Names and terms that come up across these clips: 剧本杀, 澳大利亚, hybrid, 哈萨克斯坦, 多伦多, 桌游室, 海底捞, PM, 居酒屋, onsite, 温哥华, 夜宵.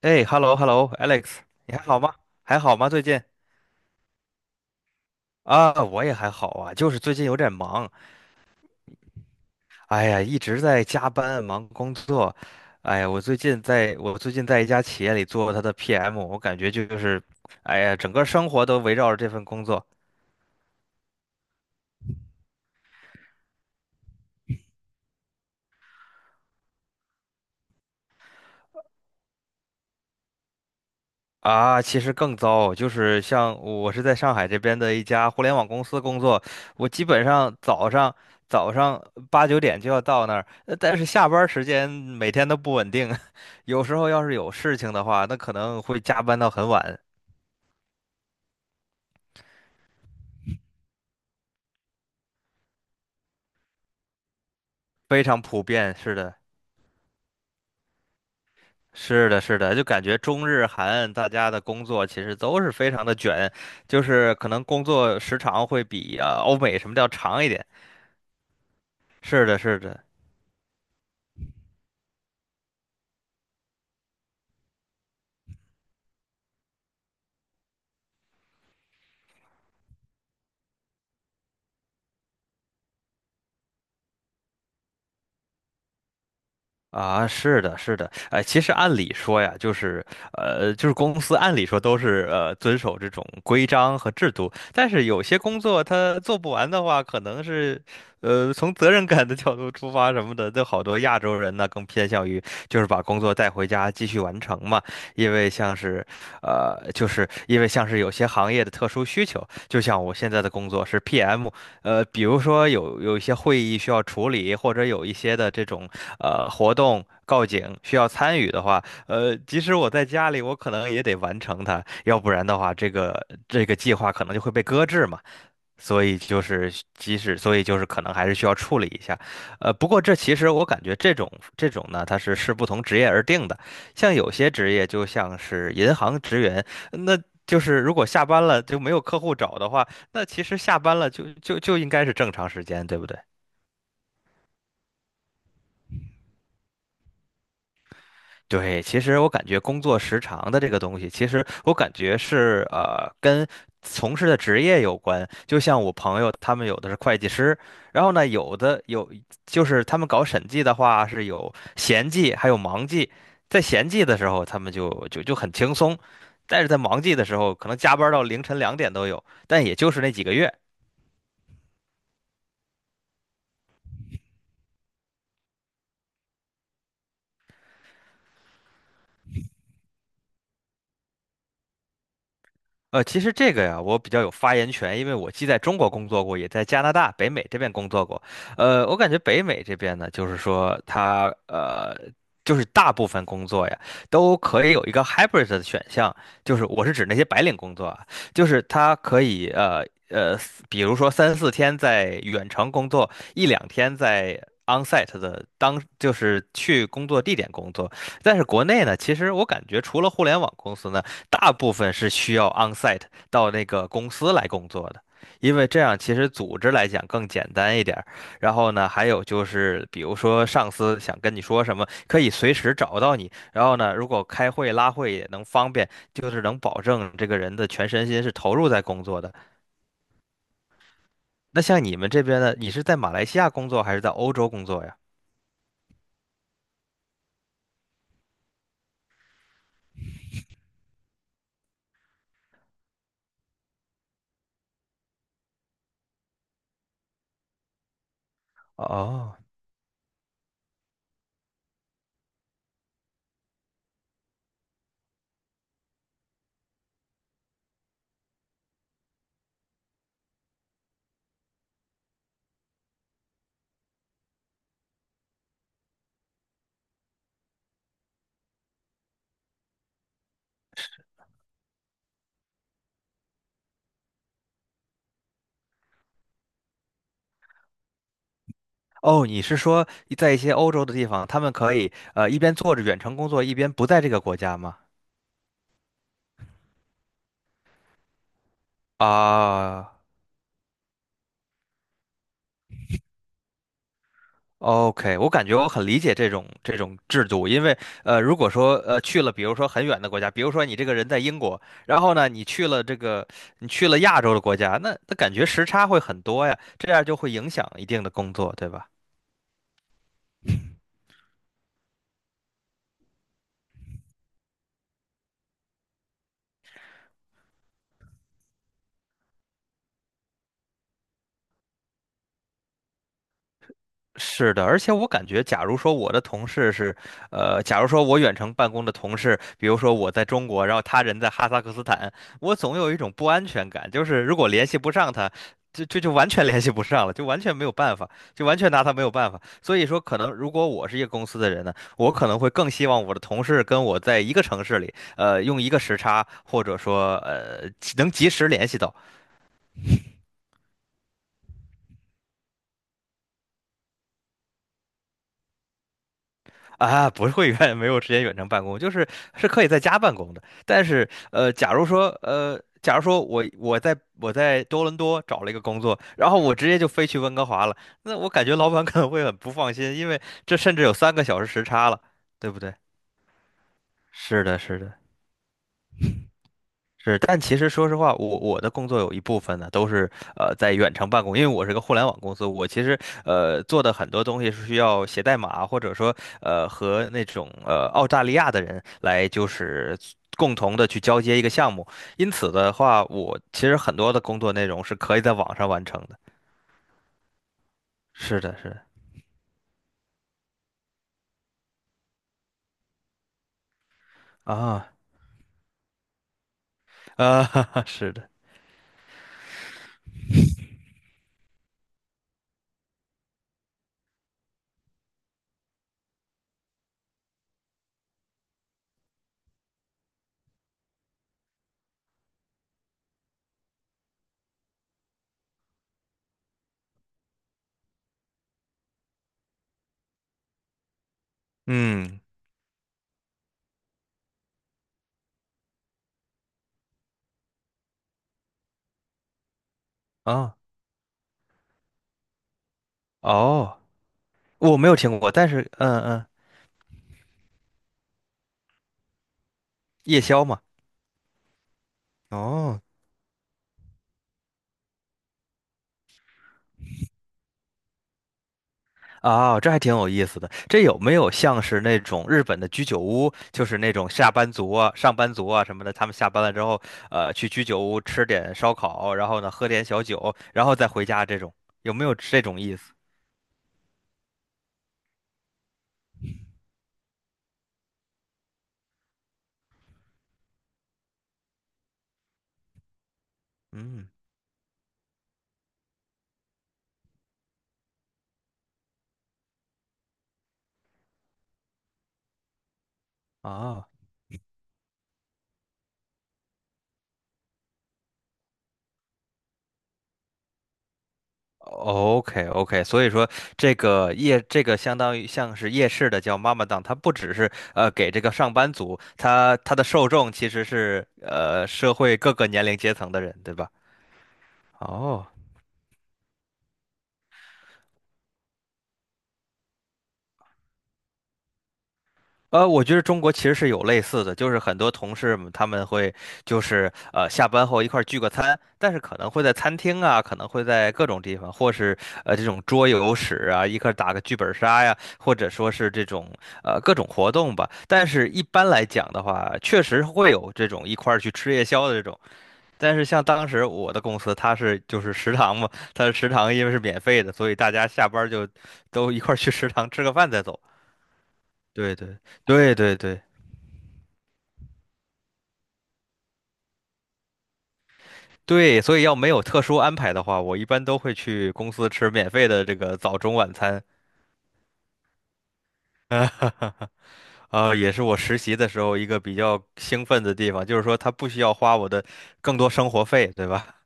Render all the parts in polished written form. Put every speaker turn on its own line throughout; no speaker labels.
哎，hello，hello，Alex，你还好吗？还好吗？最近啊，我也还好啊，就是最近有点忙。哎呀，一直在加班忙工作。哎呀，我最近在一家企业里做他的 PM，我感觉就是，哎呀，整个生活都围绕着这份工作。啊，其实更糟，就是像我是在上海这边的一家互联网公司工作，我基本上早上早上八九点就要到那儿，但是下班儿时间每天都不稳定，有时候要是有事情的话，那可能会加班到很晚，非常普遍。是的，是的，是的，就感觉中日韩大家的工作其实都是非常的卷，就是可能工作时长会比欧美什么的要长一点。是的，是的。啊，是的，是的，哎，其实按理说呀，就是，就是公司按理说都是遵守这种规章和制度，但是有些工作他做不完的话，可能是，从责任感的角度出发什么的，这好多亚洲人呢更偏向于就是把工作带回家继续完成嘛。因为像是，就是因为像是有些行业的特殊需求，就像我现在的工作是 PM。比如说有一些会议需要处理，或者有一些的这种活动告警需要参与的话，即使我在家里，我可能也得完成它，要不然的话，这个计划可能就会被搁置嘛。所以就是即使，所以就是可能还是需要处理一下。不过这其实我感觉这种呢，它是视不同职业而定的，像有些职业就像是银行职员，那就是如果下班了就没有客户找的话，那其实下班了就应该是正常时间，对不对？对，其实我感觉工作时长的这个东西，其实我感觉是跟从事的职业有关。就像我朋友他们有的是会计师，然后呢有的有就是他们搞审计的话是有闲季还有忙季。在闲季的时候他们就很轻松，但是在忙季的时候可能加班到凌晨两点都有，但也就是那几个月。其实这个呀，我比较有发言权，因为我既在中国工作过，也在加拿大、北美这边工作过。我感觉北美这边呢，就是说它就是大部分工作呀，都可以有一个 hybrid 的选项，就是我是指那些白领工作啊，就是它可以比如说三四天在远程工作，一两天在 onsite 的当，就是去工作地点工作。但是国内呢，其实我感觉除了互联网公司呢，大部分是需要 onsite 到那个公司来工作的，因为这样其实组织来讲更简单一点儿。然后呢，还有就是，比如说上司想跟你说什么，可以随时找到你。然后呢，如果开会拉会也能方便，就是能保证这个人的全身心是投入在工作的。那像你们这边呢，你是在马来西亚工作还是在欧洲工作呀？哦。哦，你是说在一些欧洲的地方，他们可以一边做着远程工作，一边不在这个国家吗？啊、OK，我感觉我很理解这种制度。因为如果说去了，比如说很远的国家，比如说你这个人在英国，然后呢你去了这个你去了亚洲的国家，那那感觉时差会很多呀，这样就会影响一定的工作，对吧？是的，而且我感觉，假如说我的同事是，假如说我远程办公的同事，比如说我在中国，然后他人在哈萨克斯坦，我总有一种不安全感，就是如果联系不上他，就完全联系不上了，就完全没有办法，就完全拿他没有办法。所以说，可能如果我是一个公司的人呢，我可能会更希望我的同事跟我在一个城市里，用一个时差，或者说能及时联系到。啊，不是会员没有时间远程办公，就是是可以在家办公的。但是，假如说我在多伦多找了一个工作，然后我直接就飞去温哥华了，那我感觉老板可能会很不放心，因为这甚至有三个小时时差了，对不对？是的，是的。是，但其实说实话，我的工作有一部分呢都是在远程办公，因为我是个互联网公司，我其实做的很多东西是需要写代码，或者说和那种澳大利亚的人来就是共同的去交接一个项目，因此的话，我其实很多的工作内容是可以在网上完成的。是的，是的，啊是的，嗯啊哦，我没有听过，但是夜宵嘛。哦。啊，这还挺有意思的。这有没有像是那种日本的居酒屋，就是那种下班族啊、上班族啊什么的，他们下班了之后，去居酒屋吃点烧烤，然后呢喝点小酒，然后再回家这种，有没有这种意思？嗯，啊，OK OK，所以说这个夜这个相当于像是夜市的叫妈妈档，它不只是给这个上班族，它的受众其实是社会各个年龄阶层的人，对吧？哦。我觉得中国其实是有类似的，就是很多同事们他们会就是下班后一块儿聚个餐，但是可能会在餐厅啊，可能会在各种地方，或是这种桌游室啊，一块儿打个剧本杀呀，或者说是这种各种活动吧。但是一般来讲的话，确实会有这种一块儿去吃夜宵的这种。但是像当时我的公司，它是就是食堂嘛，它的食堂因为是免费的，所以大家下班儿就都一块儿去食堂吃个饭再走。对对对对对。对，所以要没有特殊安排的话，我一般都会去公司吃免费的这个早中晚餐。啊，也是我实习的时候一个比较兴奋的地方，就是说他不需要花我的更多生活费，对吧？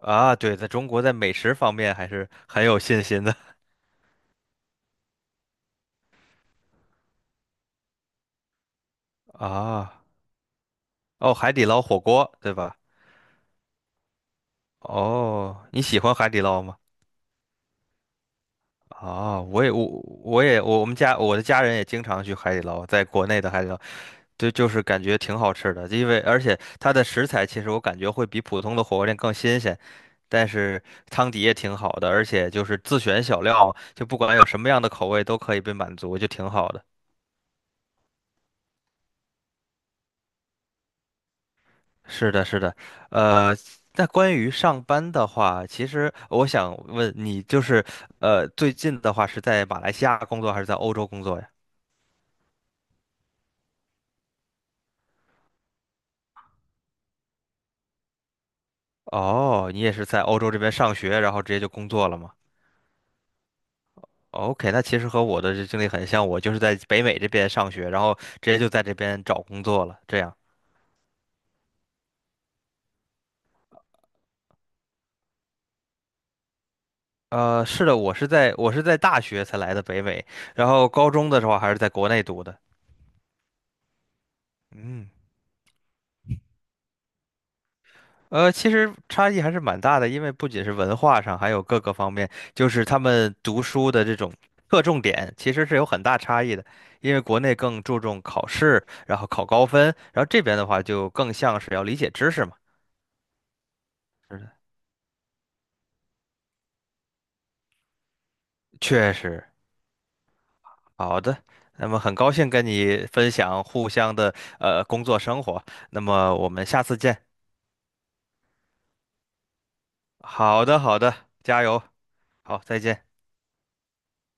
啊，对，在中国在美食方面还是很有信心的啊。哦，海底捞火锅，对吧？哦，你喜欢海底捞吗？啊，我们家我的家人也经常去海底捞，在国内的海底捞。对，就是感觉挺好吃的，因为而且它的食材其实我感觉会比普通的火锅店更新鲜，但是汤底也挺好的，而且就是自选小料，就不管有什么样的口味都可以被满足，就挺好的。是的，是的，呃，那关于上班的话，其实我想问你，就是最近的话是在马来西亚工作还是在欧洲工作呀？哦，你也是在欧洲这边上学，然后直接就工作了吗？OK，那其实和我的这经历很像，我就是在北美这边上学，然后直接就在这边找工作了，这样。是的，我是在大学才来的北美，然后高中的时候还是在国内读的。嗯，其实差异还是蛮大的，因为不仅是文化上，还有各个方面，就是他们读书的这种侧重点其实是有很大差异的。因为国内更注重考试，然后考高分，然后这边的话就更像是要理解知识嘛。是的，确实。好的，那么很高兴跟你分享互相的工作生活，那么我们下次见。好的，好的，加油，好，再见。